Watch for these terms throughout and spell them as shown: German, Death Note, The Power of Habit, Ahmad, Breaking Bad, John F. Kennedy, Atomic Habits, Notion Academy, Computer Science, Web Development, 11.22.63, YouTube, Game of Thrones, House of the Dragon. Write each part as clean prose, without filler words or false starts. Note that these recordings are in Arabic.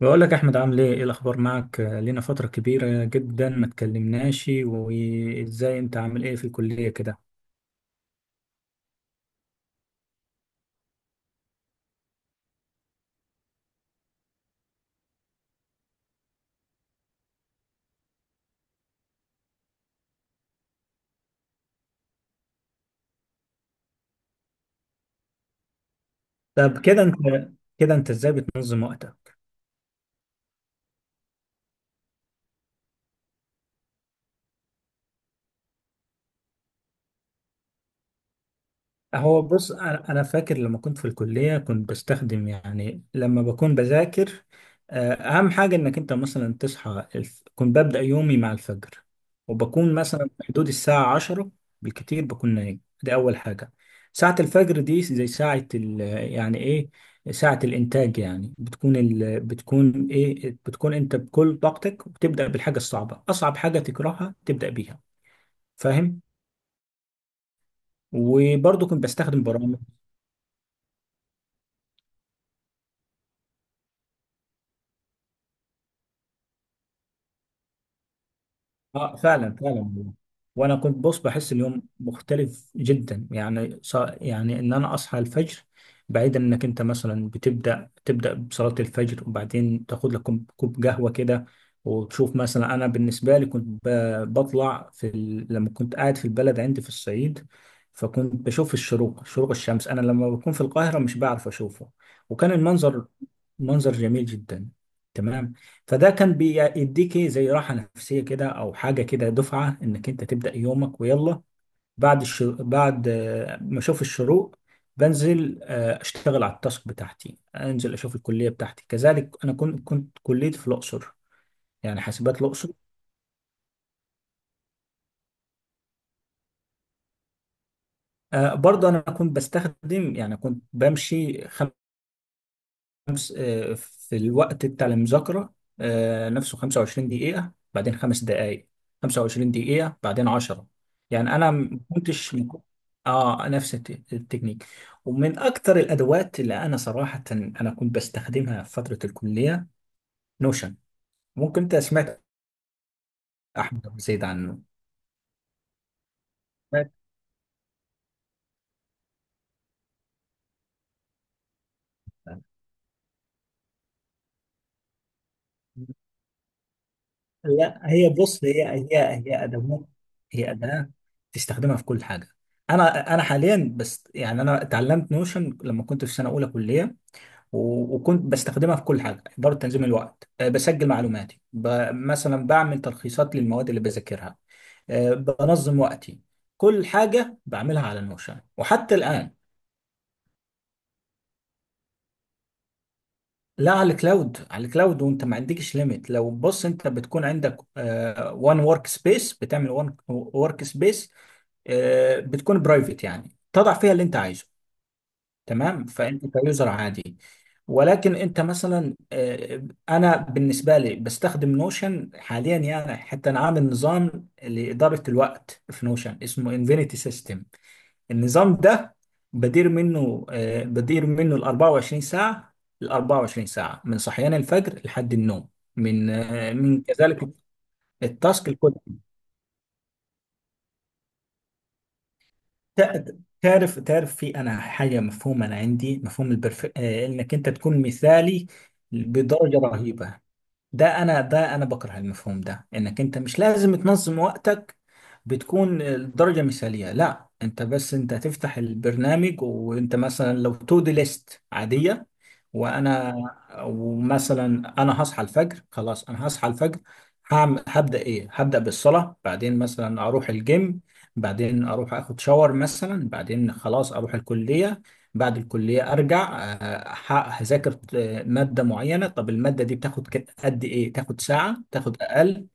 بقول لك يا احمد، عامل ايه، ايه الاخبار معك؟ لينا فتره كبيره جدا ما اتكلمناش. وازاي انت عامل ايه في الكليه كده؟ طب كده انت كده انت ازاي بتنظم وقتك؟ هو بص، انا فاكر لما كنت في الكليه كنت بستخدم، يعني لما بكون بذاكر، اهم حاجه انك انت مثلا تصحى كنت ببدا يومي مع الفجر. وبكون مثلا في حدود الساعه 10 بالكتير بكون نايم. دي اول حاجه. ساعه الفجر دي زي ساعه يعني ايه، ساعه الانتاج. يعني بتكون بتكون ايه، بتكون انت بكل طاقتك، وبتبدا بالحاجه الصعبه، اصعب حاجه تكرهها تبدا بيها. فاهم؟ وبرضه كنت بستخدم برامج. اه فعلا فعلا والله. وانا كنت بص بحس اليوم مختلف جدا، يعني يعني ان انا اصحى الفجر. بعيدا، انك انت مثلا تبدا بصلاه الفجر، وبعدين تاخد لك كوب كوب قهوه كده وتشوف. مثلا انا بالنسبه لي كنت لما كنت قاعد في البلد عندي في الصعيد، فكنت بشوف الشروق، شروق الشمس، انا لما بكون في القاهره مش بعرف اشوفه. وكان المنظر منظر جميل جدا. تمام، فده كان بيديك إيه، زي راحة نفسية كده، أو حاجة كده، دفعة إنك أنت تبدأ يومك. ويلا بعد بعد ما أشوف الشروق بنزل أشتغل على التاسك بتاعتي. أنزل أشوف الكلية بتاعتي، كذلك أنا كنت كليتي في الأقصر، يعني حاسبات الأقصر. برضه أنا كنت بستخدم، يعني كنت بمشي خمس خمس، في الوقت بتاع المذاكرة نفسه 25 دقيقة، بعدين 5 دقايق، 25 دقيقة بعدين 10. يعني أنا ما كنتش، اه نفس التكنيك. ومن أكتر الأدوات اللي صراحة أنا كنت بستخدمها في فترة الكلية نوشن. ممكن أنت سمعت أحمد أبو زيد عنه؟ سمعت. لا، هي بص، هي أدوات، هي أداة تستخدمها في كل حاجة. أنا حاليا، بس يعني أنا اتعلمت نوشن لما كنت في سنة أولى كلية. وكنت بستخدمها في كل حاجة، إدارة تنظيم الوقت، بسجل معلوماتي، مثلا بعمل تلخيصات للمواد اللي بذاكرها، بنظم وقتي. كل حاجة بعملها على نوشن وحتى الآن. لا، على الكلاود، على الكلاود. وانت ما عندكش ليميت. لو بص، انت بتكون عندك وان ورك سبيس، بتعمل وان ورك سبيس بتكون برايفت، يعني تضع فيها اللي انت عايزه. تمام، فانت كيوزر عادي، ولكن انت مثلا انا بالنسبه لي بستخدم نوشن حاليا، يعني حتى انا عامل نظام لاداره الوقت في نوشن اسمه انفينيتي سيستم. النظام ده بدير منه ال 24 ساعه، ال 24 ساعه من صحيان الفجر لحد النوم، من كذلك التاسك. تع- تعرف في انا عندي مفهوم البرف... آه، انك انت تكون مثالي بدرجه رهيبه. ده انا بكره المفهوم ده، انك انت مش لازم تنظم وقتك بتكون الدرجه مثاليه. لا، انت بس انت هتفتح البرنامج، وانت مثلا لو تو دي ليست عاديه. وانا ومثلا انا هصحى الفجر، خلاص انا هصحى الفجر، هبدا ايه؟ هبدا بالصلاه، بعدين مثلا اروح الجيم، بعدين اروح اخد شاور، مثلا بعدين خلاص اروح الكليه. بعد الكليه ارجع هذاكر ماده معينه. طب الماده دي بتاخد قد ايه؟ تاخد ساعه، تاخد اقل.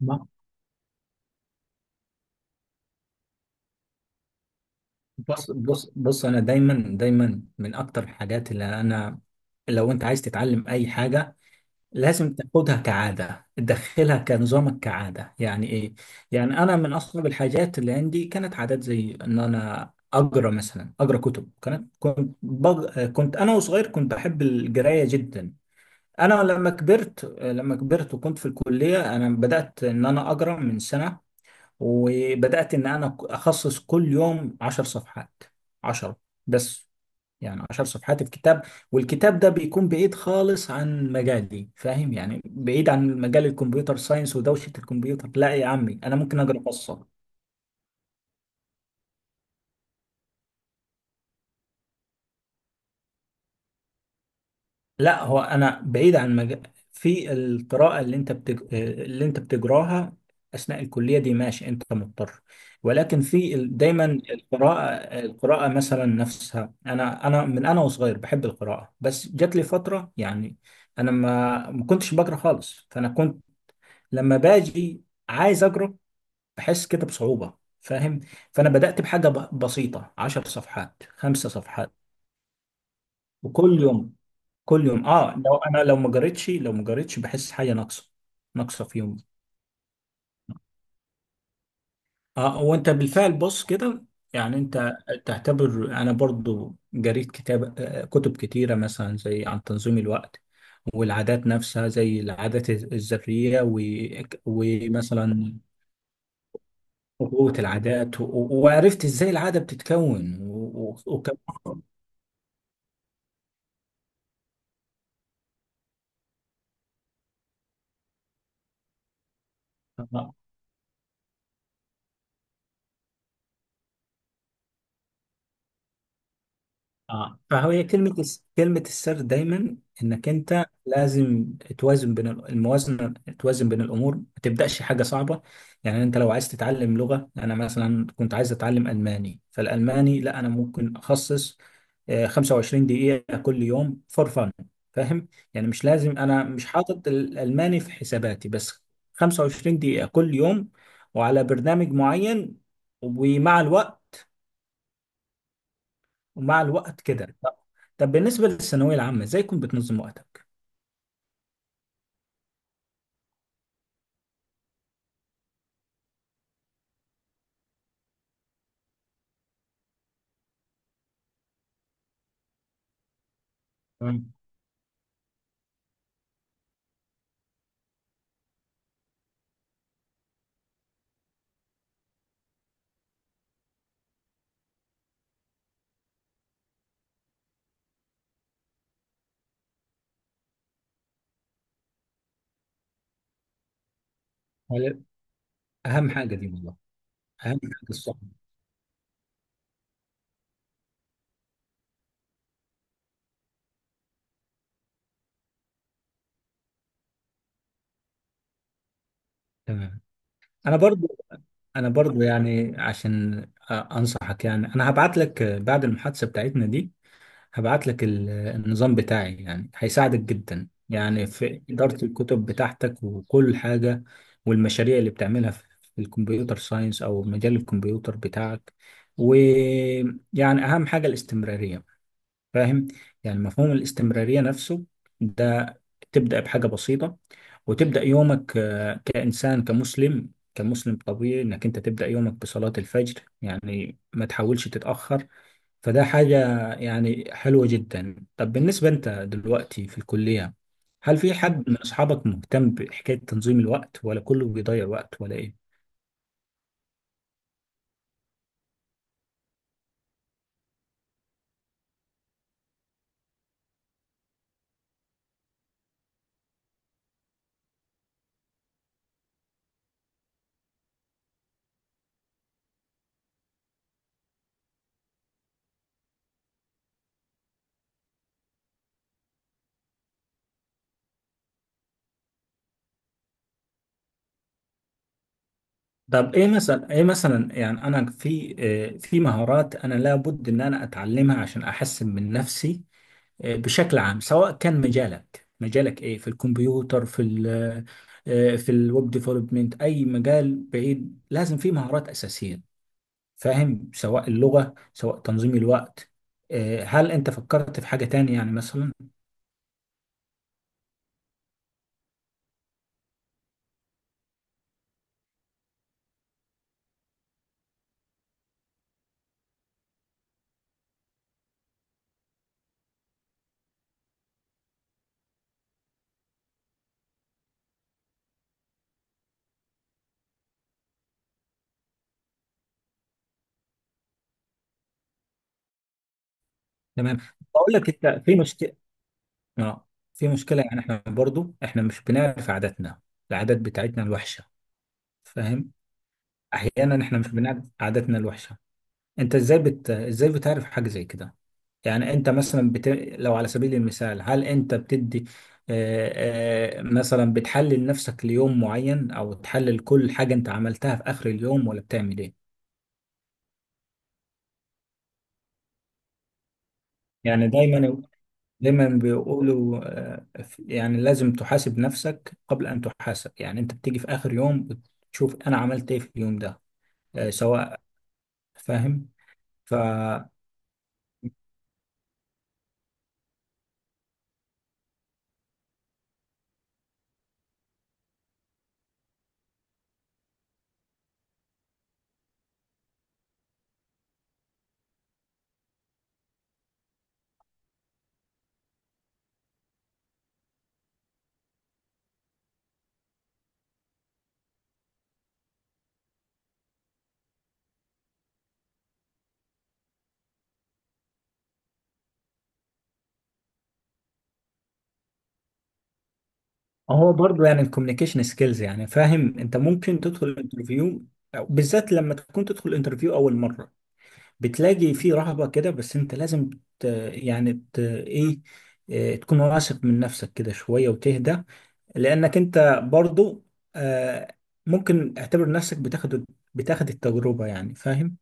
ما- بص بص بص، انا دايما دايما من اكتر الحاجات اللي انا، لو انت عايز تتعلم اي حاجه لازم تاخدها كعادة، تدخلها كنظامك كعادة، يعني إيه؟ يعني أنا من أصعب الحاجات اللي عندي كانت عادات، زي إن أنا أقرأ، مثلا أقرأ كتب. كانت، كنت أنا وصغير كنت بحب القراية جدا. أنا لما كبرت، وكنت في الكلية، أنا بدأت إن أنا أقرأ من سنة، وبدأت إن أنا أخصص كل يوم 10 صفحات، عشر بس، يعني عشر صفحات الكتاب. والكتاب ده بيكون بعيد خالص عن مجالي، فاهم؟ يعني بعيد عن مجال الكمبيوتر ساينس ودوشة الكمبيوتر. لا يا عمي، أنا ممكن أقرأ قصة. لا، هو أنا بعيد عن مجال، في القراءة اللي اللي أنت بتجراها أثناء الكلية دي ماشي، أنت مضطر، ولكن في دايما القراءة، القراءة مثلا نفسها. أنا من أنا وصغير بحب القراءة، بس جات لي فترة، يعني انا ما كنتش بقرا خالص. فانا كنت لما باجي عايز اجرب، بحس كده بصعوبة، فاهم؟ فانا بدأت بحاجة بسيطة، عشر صفحات، 5 صفحات. وكل يوم، كل يوم اه، لو ما جريتش، لو ما جريتش بحس حاجة ناقصة، ناقصة في يومي. اه، وانت بالفعل بص كده، يعني انت تعتبر، انا برضو جريت كتاب آه، كتب كتيرة، مثلا زي عن تنظيم الوقت والعادات نفسها، زي العادات الذرية، ومثلا قوة العادات، وعرفت ازاي العادة بتتكون، وكمان اه. فهو هي كلمة السر دايما، انك انت لازم توازن بين الموازنة، توازن بين الامور، ما تبدأش حاجة صعبة. يعني انت لو عايز تتعلم لغة، انا مثلا كنت عايز اتعلم الماني، فالالماني لا، انا ممكن اخصص 25 دقيقة كل يوم فور فن، فاهم؟ يعني مش لازم، انا مش حاطط الالماني في حساباتي، بس 25 دقيقة كل يوم وعلى برنامج معين، ومع الوقت، ومع الوقت كده. طب، طب بالنسبه للثانويه العامه ازاي كنت بتنظم وقتك؟ تمام. هل- اهم حاجه دي والله، اهم حاجه الصحبه. تمام. انا برضو انا برضو يعني عشان انصحك، يعني انا هبعت لك بعد المحادثه بتاعتنا دي. هبعت لك النظام بتاعي، يعني هيساعدك جدا، يعني في اداره الكتب بتاعتك وكل حاجه، والمشاريع اللي بتعملها في الكمبيوتر ساينس او مجال الكمبيوتر بتاعك. ويعني اهم حاجه الاستمراريه، فاهم؟ يعني مفهوم الاستمرارية نفسه ده، تبدأ بحاجة بسيطة، وتبدأ يومك كإنسان، كمسلم طبيعي، إنك أنت تبدأ يومك بصلاة الفجر، يعني ما تحاولش تتأخر. فده حاجة يعني حلوة جدا. طب بالنسبة، أنت دلوقتي في الكلية، هل في حد من أصحابك مهتم بحكاية تنظيم الوقت، ولا كله بيضيع وقت، ولا إيه؟ طب ايه مثلا، يعني انا في مهارات انا لابد ان انا اتعلمها عشان احسن من نفسي بشكل عام، سواء كان مجالك ايه، في الكمبيوتر، في ال آه، في الويب ديفلوبمنت، اي مجال بعيد لازم فيه مهارات اساسيه، فاهم؟ سواء اللغه، سواء تنظيم الوقت. هل انت فكرت في حاجه تانية يعني مثلا؟ تمام، بقول لك انت في مشكله، اه في مشكله. يعني احنا برضو، احنا مش بنعرف عاداتنا، العادات بتاعتنا الوحشه، فاهم؟ احيانا احنا مش بنعرف عاداتنا الوحشه. انت ازاي ازاي بتعرف حاجه زي كده؟ يعني انت مثلا لو على سبيل المثال، هل انت بتدي مثلا بتحلل نفسك ليوم معين، او تحلل كل حاجة انت عملتها في اخر اليوم، ولا بتعمل ايه؟ يعني دايما دايما بيقولوا، يعني لازم تحاسب نفسك قبل ان تحاسب، يعني انت بتيجي في اخر يوم بتشوف انا عملت ايه في اليوم ده، سواء، فاهم؟ فهو برضو يعني الكوميونيكيشن سكيلز، يعني فاهم؟ انت ممكن تدخل انترفيو، بالذات لما تكون تدخل انترفيو اول مرة بتلاقي فيه رهبة كده، بس انت لازم ت... يعني ت... ايه آه، تكون واثق من نفسك كده شوية وتهدى. لأنك انت برضو آه، ممكن اعتبر نفسك بتاخد التجربة، يعني فاهم؟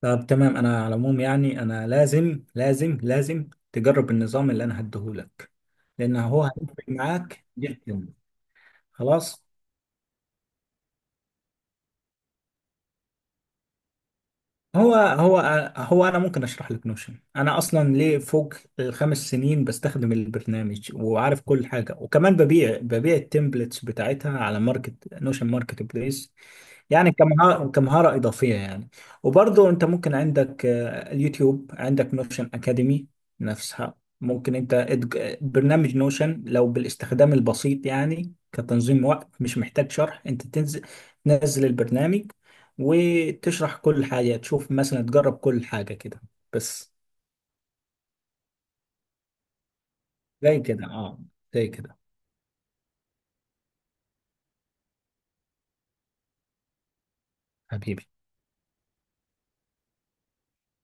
طب تمام، انا على العموم يعني انا لازم لازم لازم تجرب النظام اللي انا هديهولك، لأن هو هيفرق معاك جدا. خلاص، هو هو هو انا ممكن اشرح لك نوشن. انا اصلا ليه فوق الخمس سنين بستخدم البرنامج وعارف كل حاجه، وكمان ببيع التمبلتس بتاعتها على نوشن ماركت بليس، يعني كمهارة إضافية يعني. وبرضه أنت ممكن عندك اليوتيوب، عندك نوشن أكاديمي نفسها. ممكن أنت برنامج نوشن لو بالاستخدام البسيط، يعني كتنظيم وقت مش محتاج شرح، أنت تنزل، البرنامج وتشرح كل حاجة، تشوف مثلا، تجرب كل حاجة كده بس. زي كده، أه زي كده. حبيبي.